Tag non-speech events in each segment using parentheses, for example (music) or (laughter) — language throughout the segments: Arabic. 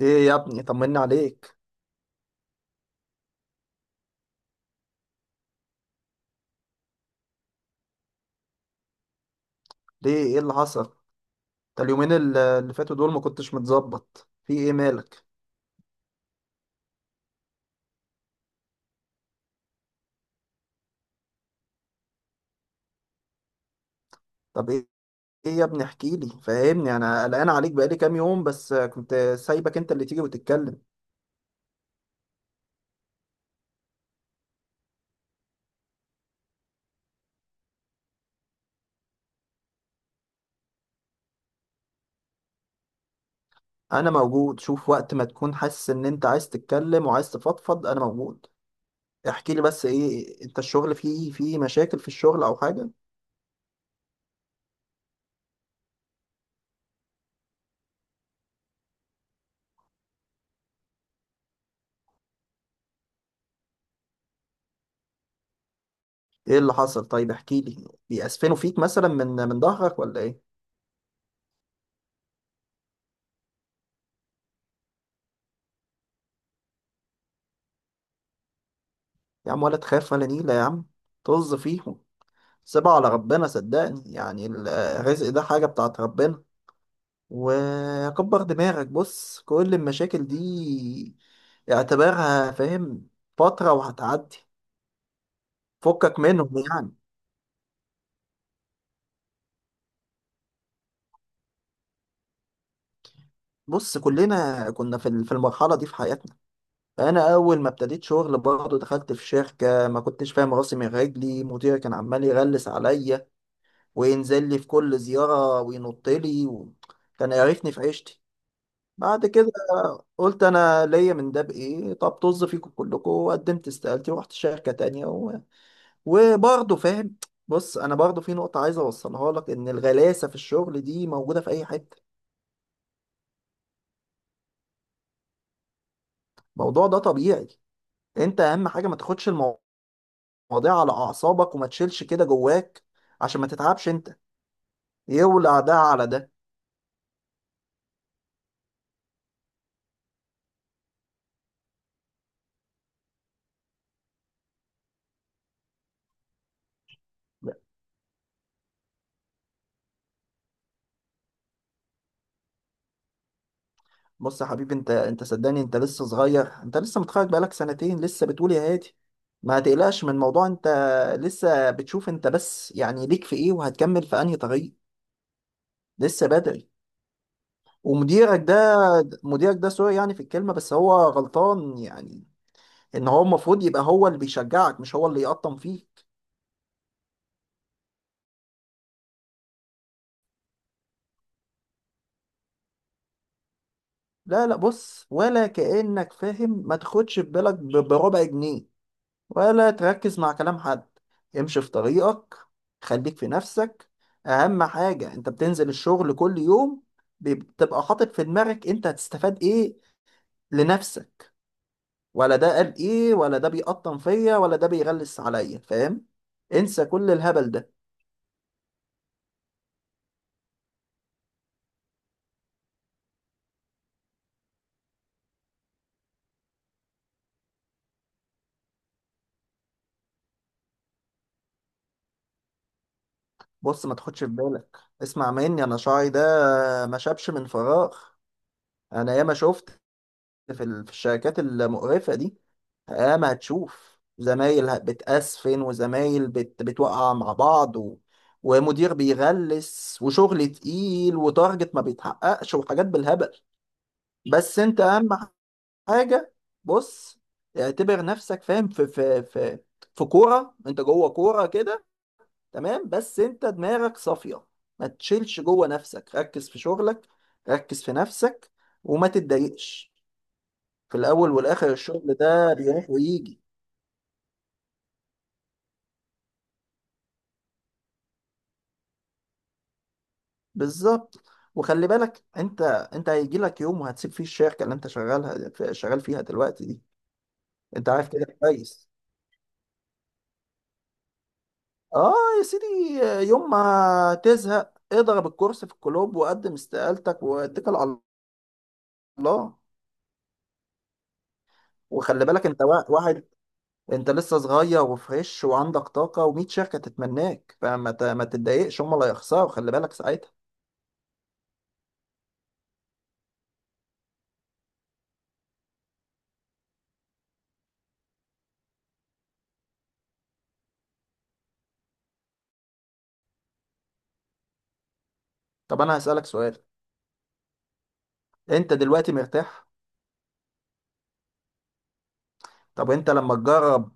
ايه يا ابني، طمني عليك. ليه؟ ايه اللي حصل؟ ده اليومين اللي فاتوا دول ما كنتش متظبط في ايه؟ مالك؟ طب ايه؟ ايه يا ابني احكي لي، فاهمني، انا قلقان عليك بقالي كام يوم، بس كنت سايبك انت اللي تيجي وتتكلم. انا موجود، شوف وقت ما تكون حاسس ان انت عايز تتكلم وعايز تفضفض انا موجود. احكي لي، بس ايه انت؟ الشغل فيه مشاكل؟ في الشغل او حاجة؟ ايه اللي حصل؟ طيب احكي لي، بيأسفنوا فيك مثلا؟ من ظهرك ولا ايه؟ يا عم ولا تخاف ولا نيلة يا عم، طز فيه، سيبها على ربنا، صدقني يعني الرزق ده حاجة بتاعت ربنا، وكبر دماغك، بص كل المشاكل دي اعتبرها، فاهم، فترة وهتعدي، فكك منهم يعني. بص كلنا كنا في في المرحلة دي في حياتنا. أنا أول ما ابتديت شغل برضه دخلت في شركة، ما كنتش فاهم راسي من رجلي، مديري كان عمال يغلس عليا، وينزل لي في كل زيارة وينط لي كان يعرفني في عيشتي. بعد كده قلت انا ليا من ده بايه؟ طب طز فيكم كلكم، وقدمت استقالتي ورحت شركه تانية و... وبرضه فاهم، بص انا برضه في نقطه عايز اوصلها لك، ان الغلاسه في الشغل دي موجوده في اي حته. الموضوع ده طبيعي، انت اهم حاجه ما تاخدش المواضيع على اعصابك، وما تشيلش كده جواك عشان ما تتعبش انت، يولع ده على ده. بص يا حبيبي، انت صدقني انت لسه صغير، انت لسه متخرج بقالك سنتين، لسه بتقول يا هادي. ما هتقلقش من الموضوع انت، لسه بتشوف انت، بس يعني ليك في ايه وهتكمل في انهي طريق، لسه بدري. ومديرك ده، مديرك ده، سوري يعني في الكلمة بس هو غلطان يعني، ان هو المفروض يبقى هو اللي بيشجعك، مش هو اللي يقطم فيك. لا لا، بص، ولا كأنك فاهم، ما تاخدش في بالك بربع جنيه، ولا تركز مع كلام حد، امشي في طريقك، خليك في نفسك. اهم حاجة انت بتنزل الشغل كل يوم، بتبقى حاطط في دماغك انت هتستفاد ايه لنفسك، ولا ده قال ايه، ولا ده بيقطن فيا، ولا ده بيغلس عليا، فاهم؟ انسى كل الهبل ده. بص ما تاخدش في بالك، اسمع مني انا شعري ده ما شابش من فراغ، انا ياما شفت في في الشركات المقرفة دي. اه، ما هتشوف زمايل بتأسفن، وزمايل بتوقع مع بعض ومدير بيغلس، وشغل تقيل، وتارجت ما بيتحققش، وحاجات بالهبل. بس انت اهم حاجة، بص، اعتبر نفسك، فاهم، في في في كورة، انت جوه كورة كده، تمام، بس انت دماغك صافية، ما تشيلش جوه نفسك، ركز في شغلك، ركز في نفسك، وما تتضايقش. في الاول والاخر الشغل ده بيروح ويجي. بالظبط، وخلي بالك انت، انت هيجي لك يوم وهتسيب فيه الشركه اللي انت شغالها شغال فيها دلوقتي دي. انت عارف كده كويس، اه، يا سيدي، يوم ما تزهق اضرب الكرسي في الكلوب وقدم استقالتك واتكل على الله. وخلي بالك انت واحد، انت لسه صغير وفريش وعندك طاقه و100 شركه تتمناك، فما ما تتضايقش، هم اللي هيخسروا، خلي بالك ساعتها. طب انا هسالك سؤال، انت دلوقتي مرتاح؟ طب انت لما تجرب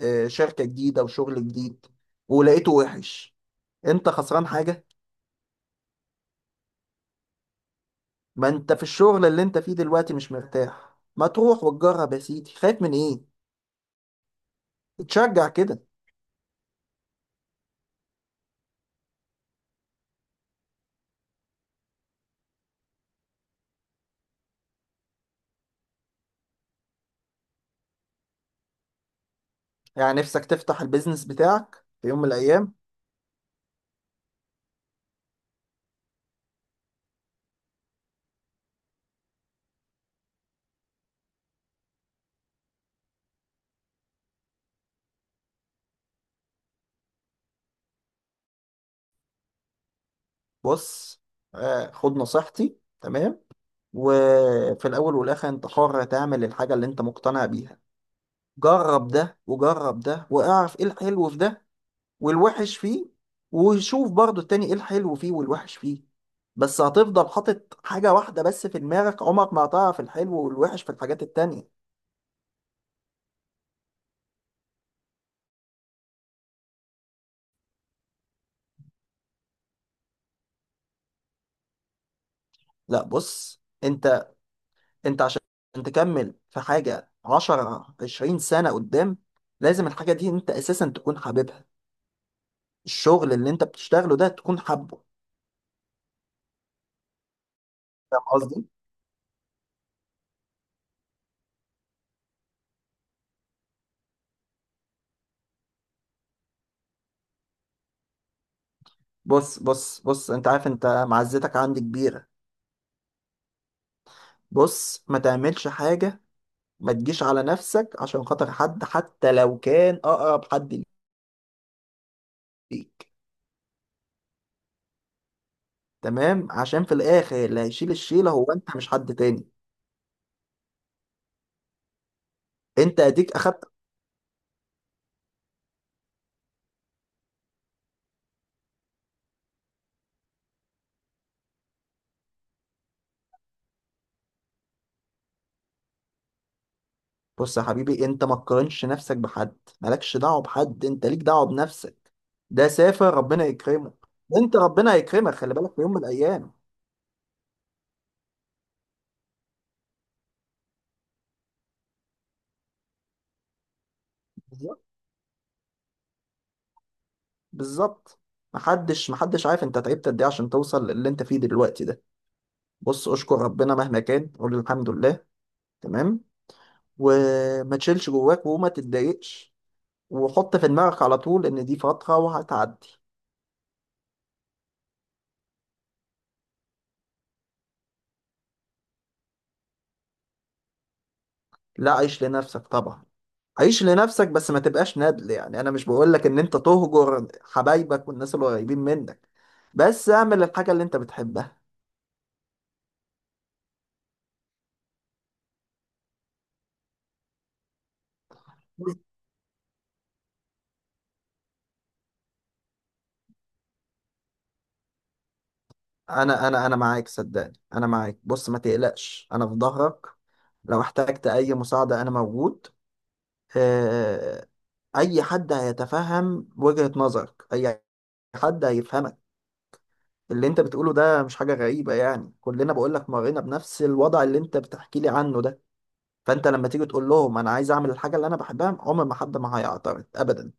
شركة جديدة وشغل جديد ولقيته وحش، انت خسران حاجة؟ ما انت في الشغل اللي انت فيه دلوقتي مش مرتاح، ما تروح وتجرب يا سيدي، خايف من ايه؟ تشجع كده، يعني نفسك تفتح البيزنس بتاعك في يوم من الايام؟ بص، خد نصيحتي، تمام؟ وفي الاول والاخر انت حر تعمل الحاجة اللي انت مقتنع بيها، جرب ده وجرب ده واعرف ايه الحلو في ده والوحش فيه، وشوف برضو التاني ايه الحلو فيه والوحش فيه. بس هتفضل حاطط حاجة واحدة بس في دماغك، عمرك ما هتعرف الحلو والوحش في الحاجات التانية. لا بص انت عشان تكمل في حاجة 10 20 سنة قدام لازم الحاجة دي انت اساسا تكون حاببها، الشغل اللي انت بتشتغله ده تكون حابه، فاهم قصدي؟ بص بص بص، انت عارف انت معزتك عندي كبيرة. بص ما تعملش حاجة، ما تجيش على نفسك عشان خاطر حد، حتى لو كان اقرب حد ليك، تمام؟ عشان في الاخر اللي هيشيل الشيله هو انت، مش حد تاني. انت اديك اخدت. بص يا حبيبي، انت ما تقارنش نفسك بحد، مالكش دعوه بحد، انت ليك دعوه بنفسك، ده سافر ربنا يكرمه، انت ربنا هيكرمك خلي بالك، في يوم من الايام. بالظبط. بالظبط. محدش محدش عارف انت تعبت قد ايه عشان توصل للي انت فيه دلوقتي ده. بص اشكر ربنا مهما كان، قول الحمد لله، تمام، وما تشيلش جواك، وما تتضايقش، وحط في دماغك على طول ان دي فترة وهتعدي. لا، عيش لنفسك طبعا، عيش لنفسك بس ما تبقاش ندل، يعني انا مش بقولك ان انت تهجر حبايبك والناس اللي قريبين منك، بس اعمل الحاجة اللي انت بتحبها. انا معاك، صدقني انا معاك، بص ما تقلقش انا في ظهرك، لو احتجت اي مساعدة انا موجود. آه، اي حد هيتفهم وجهة نظرك، اي حد هيفهمك، اللي انت بتقوله ده مش حاجة غريبة، يعني كلنا، بقول لك، مرينا بنفس الوضع اللي انت بتحكي لي عنه ده، فانت لما تيجي تقول لهم انا عايز اعمل الحاجة اللي انا بحبها، عمر ما حد ما هيعترض ابدا.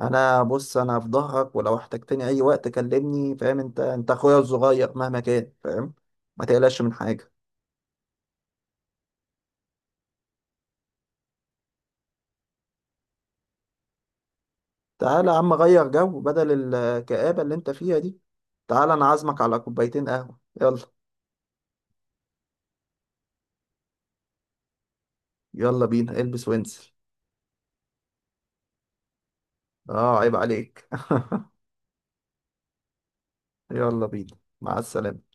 انا، بص، انا في ظهرك، ولو احتجتني اي وقت كلمني، فاهم انت، انت اخويا الصغير مهما كان، فاهم، ما تقلقش من حاجة. تعالى يا عم غير جو، بدل الكآبة اللي انت فيها دي، تعالى انا عازمك على كوبايتين قهوة، يلا. يلا بينا، البس وانزل. اه عيب عليك. (laughs) يلا بينا، مع السلامة.